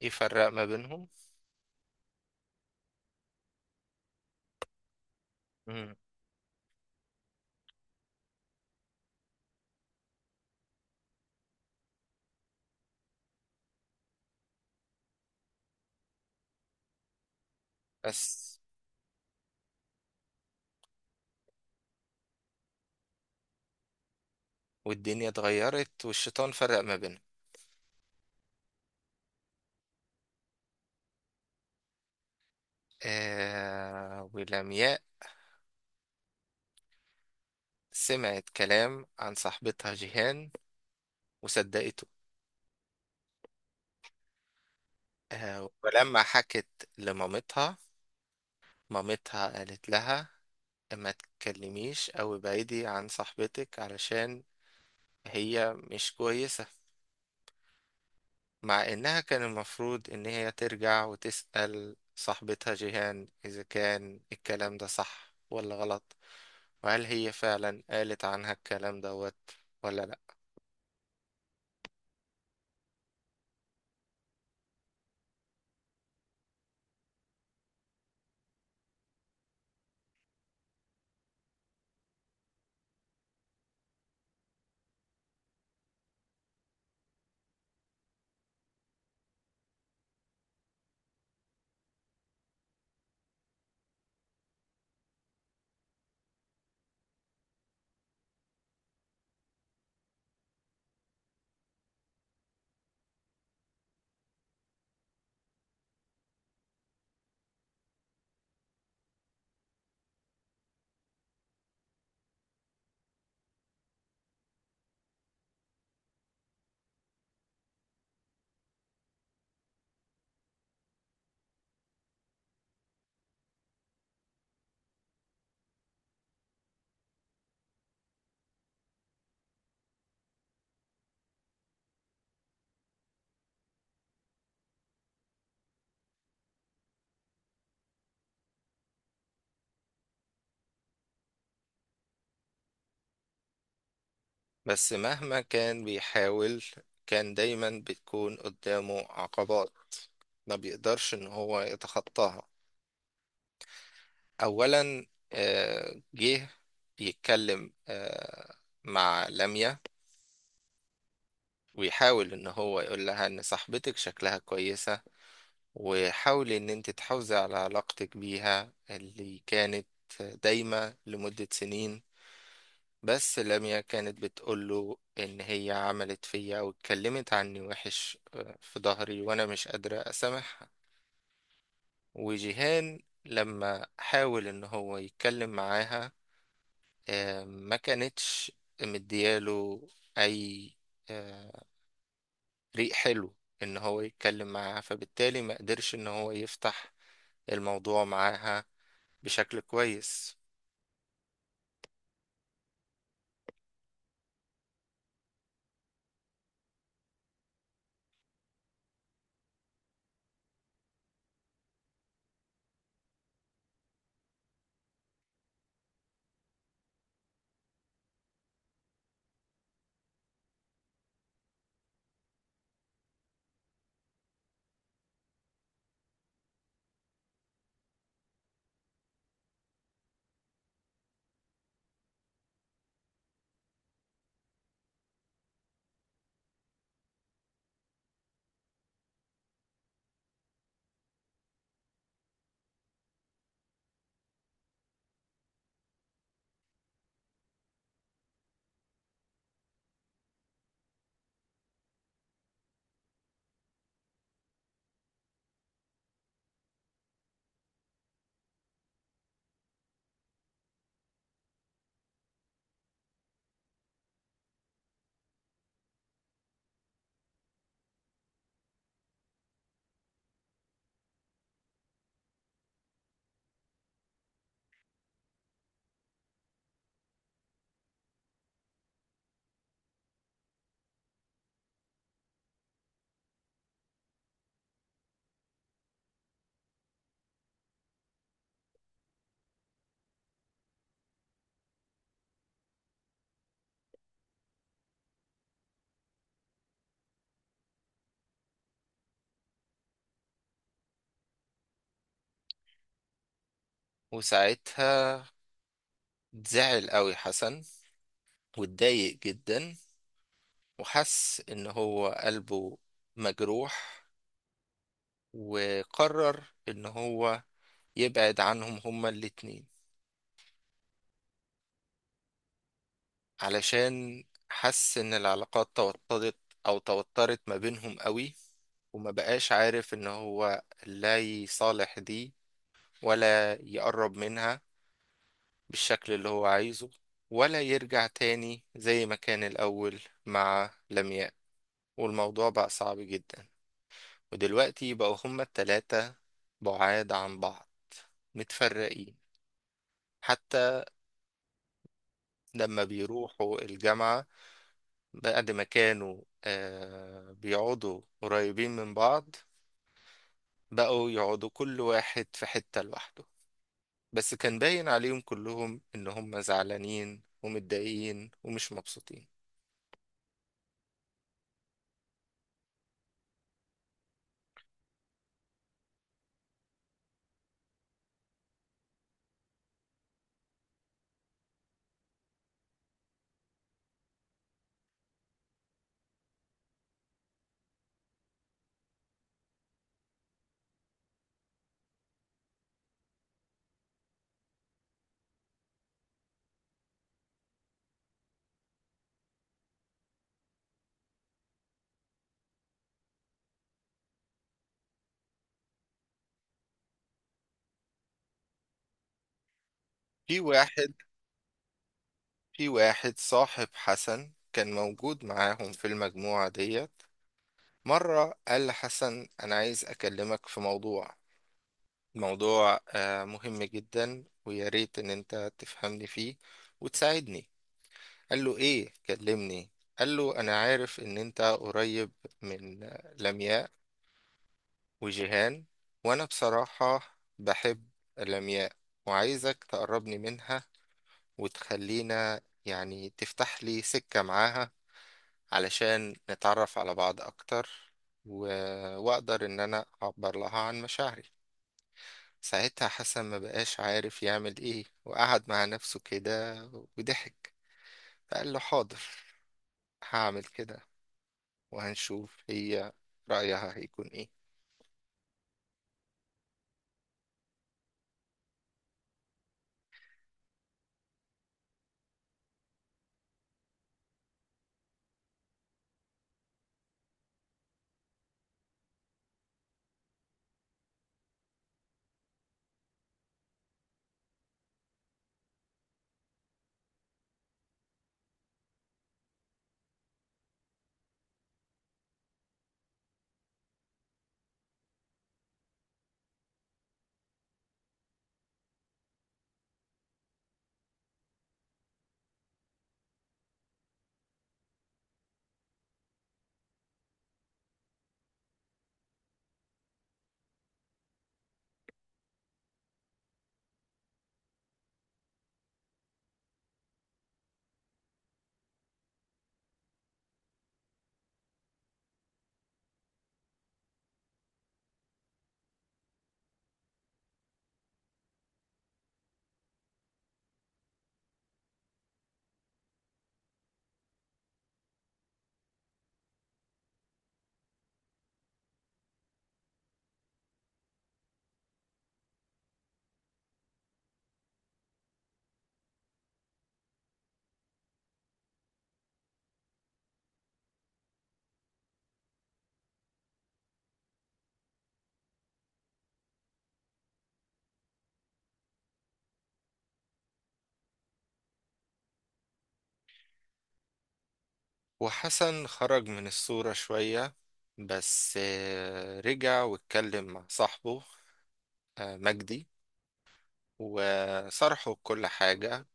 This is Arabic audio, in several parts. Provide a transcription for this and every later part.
يفرق ما بينهم. مم. بس والدنيا اتغيرت والشيطان فرق ما بينهم. آه، ولمياء سمعت كلام عن صاحبتها جيهان وصدقته. آه، ولما حكت لمامتها، مامتها قالت لها ما تكلميش او ابعدي عن صاحبتك علشان هي مش كويسة، مع انها كان المفروض ان هي ترجع وتسأل صاحبتها جيهان اذا كان الكلام ده صح ولا غلط، وهل هي فعلا قالت عنها الكلام دوت ولا لا. بس مهما كان بيحاول، كان دايما بتكون قدامه عقبات ما بيقدرش ان هو يتخطاها. اولا، جه يتكلم مع لميا، ويحاول ان هو يقول لها ان صاحبتك شكلها كويسة، وحاولي ان انت تحافظي على علاقتك بيها اللي كانت دايمة لمدة سنين. بس لميا كانت بتقوله إن هي عملت فيا أو اتكلمت عني وحش في ظهري، وأنا مش قادرة أسامحها. وجيهان لما حاول إن هو يتكلم معاها، ما كانتش مدياله أي آه، ريق حلو إن هو يتكلم معاها، فبالتالي ما قدرش إن هو يفتح الموضوع معاها بشكل كويس. وساعتها زعل قوي حسن، واتضايق جدا، وحس ان هو قلبه مجروح، وقرر ان هو يبعد عنهم هما الاتنين، علشان حس ان العلاقات توترت او توترت ما بينهم قوي، وما بقاش عارف ان هو لا يصالح دي ولا يقرب منها بالشكل اللي هو عايزه، ولا يرجع تاني زي ما كان الاول مع لمياء. والموضوع بقى صعب جدا، ودلوقتي بقوا هما التلاتة بعاد عن بعض، متفرقين حتى لما بيروحوا الجامعة. بعد ما كانوا بيقعدوا قريبين من بعض، بقوا يقعدوا كل واحد في حتة لوحده، بس كان باين عليهم كلهم إن هما زعلانين ومتضايقين ومش مبسوطين. في واحد في واحد صاحب حسن كان موجود معاهم في المجموعة ديت، مرة قال لحسن أنا عايز أكلمك في موضوع، موضوع مهم جدا ويا ريت ان انت تفهمني فيه وتساعدني. قال له ايه، كلمني. قال له انا عارف ان انت قريب من لمياء وجيهان، وانا بصراحة بحب لمياء، وعايزك تقربني منها وتخلينا، يعني تفتح لي سكة معاها علشان نتعرف على بعض اكتر، و... واقدر ان انا اعبر لها عن مشاعري. ساعتها حسن ما بقاش عارف يعمل ايه، وقعد مع نفسه كده وضحك. فقال له حاضر، هعمل كده، وهنشوف هي رأيها هيكون ايه. وحسن خرج من الصورة شوية، بس رجع واتكلم مع صاحبه مجدي، وصرحه كل حاجة،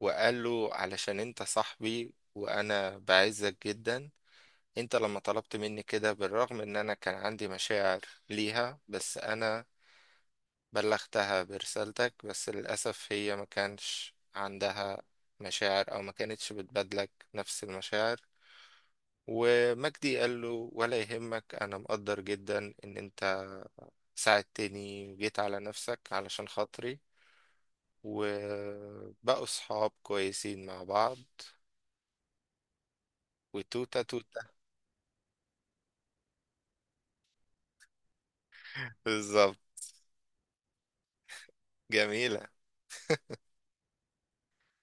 وقال له علشان انت صاحبي وانا بعزك جدا، انت لما طلبت مني كده بالرغم ان انا كان عندي مشاعر ليها، بس انا بلغتها برسالتك، بس للأسف هي ما كانش عندها مشاعر أو ما كانتش بتبادلك نفس المشاعر. ومجدي قال له ولا يهمك، أنا مقدر جدا إن أنت ساعدتني وجيت على نفسك علشان خاطري. وبقوا صحاب كويسين مع بعض. وتوتة توتة. بالظبط. جميلة.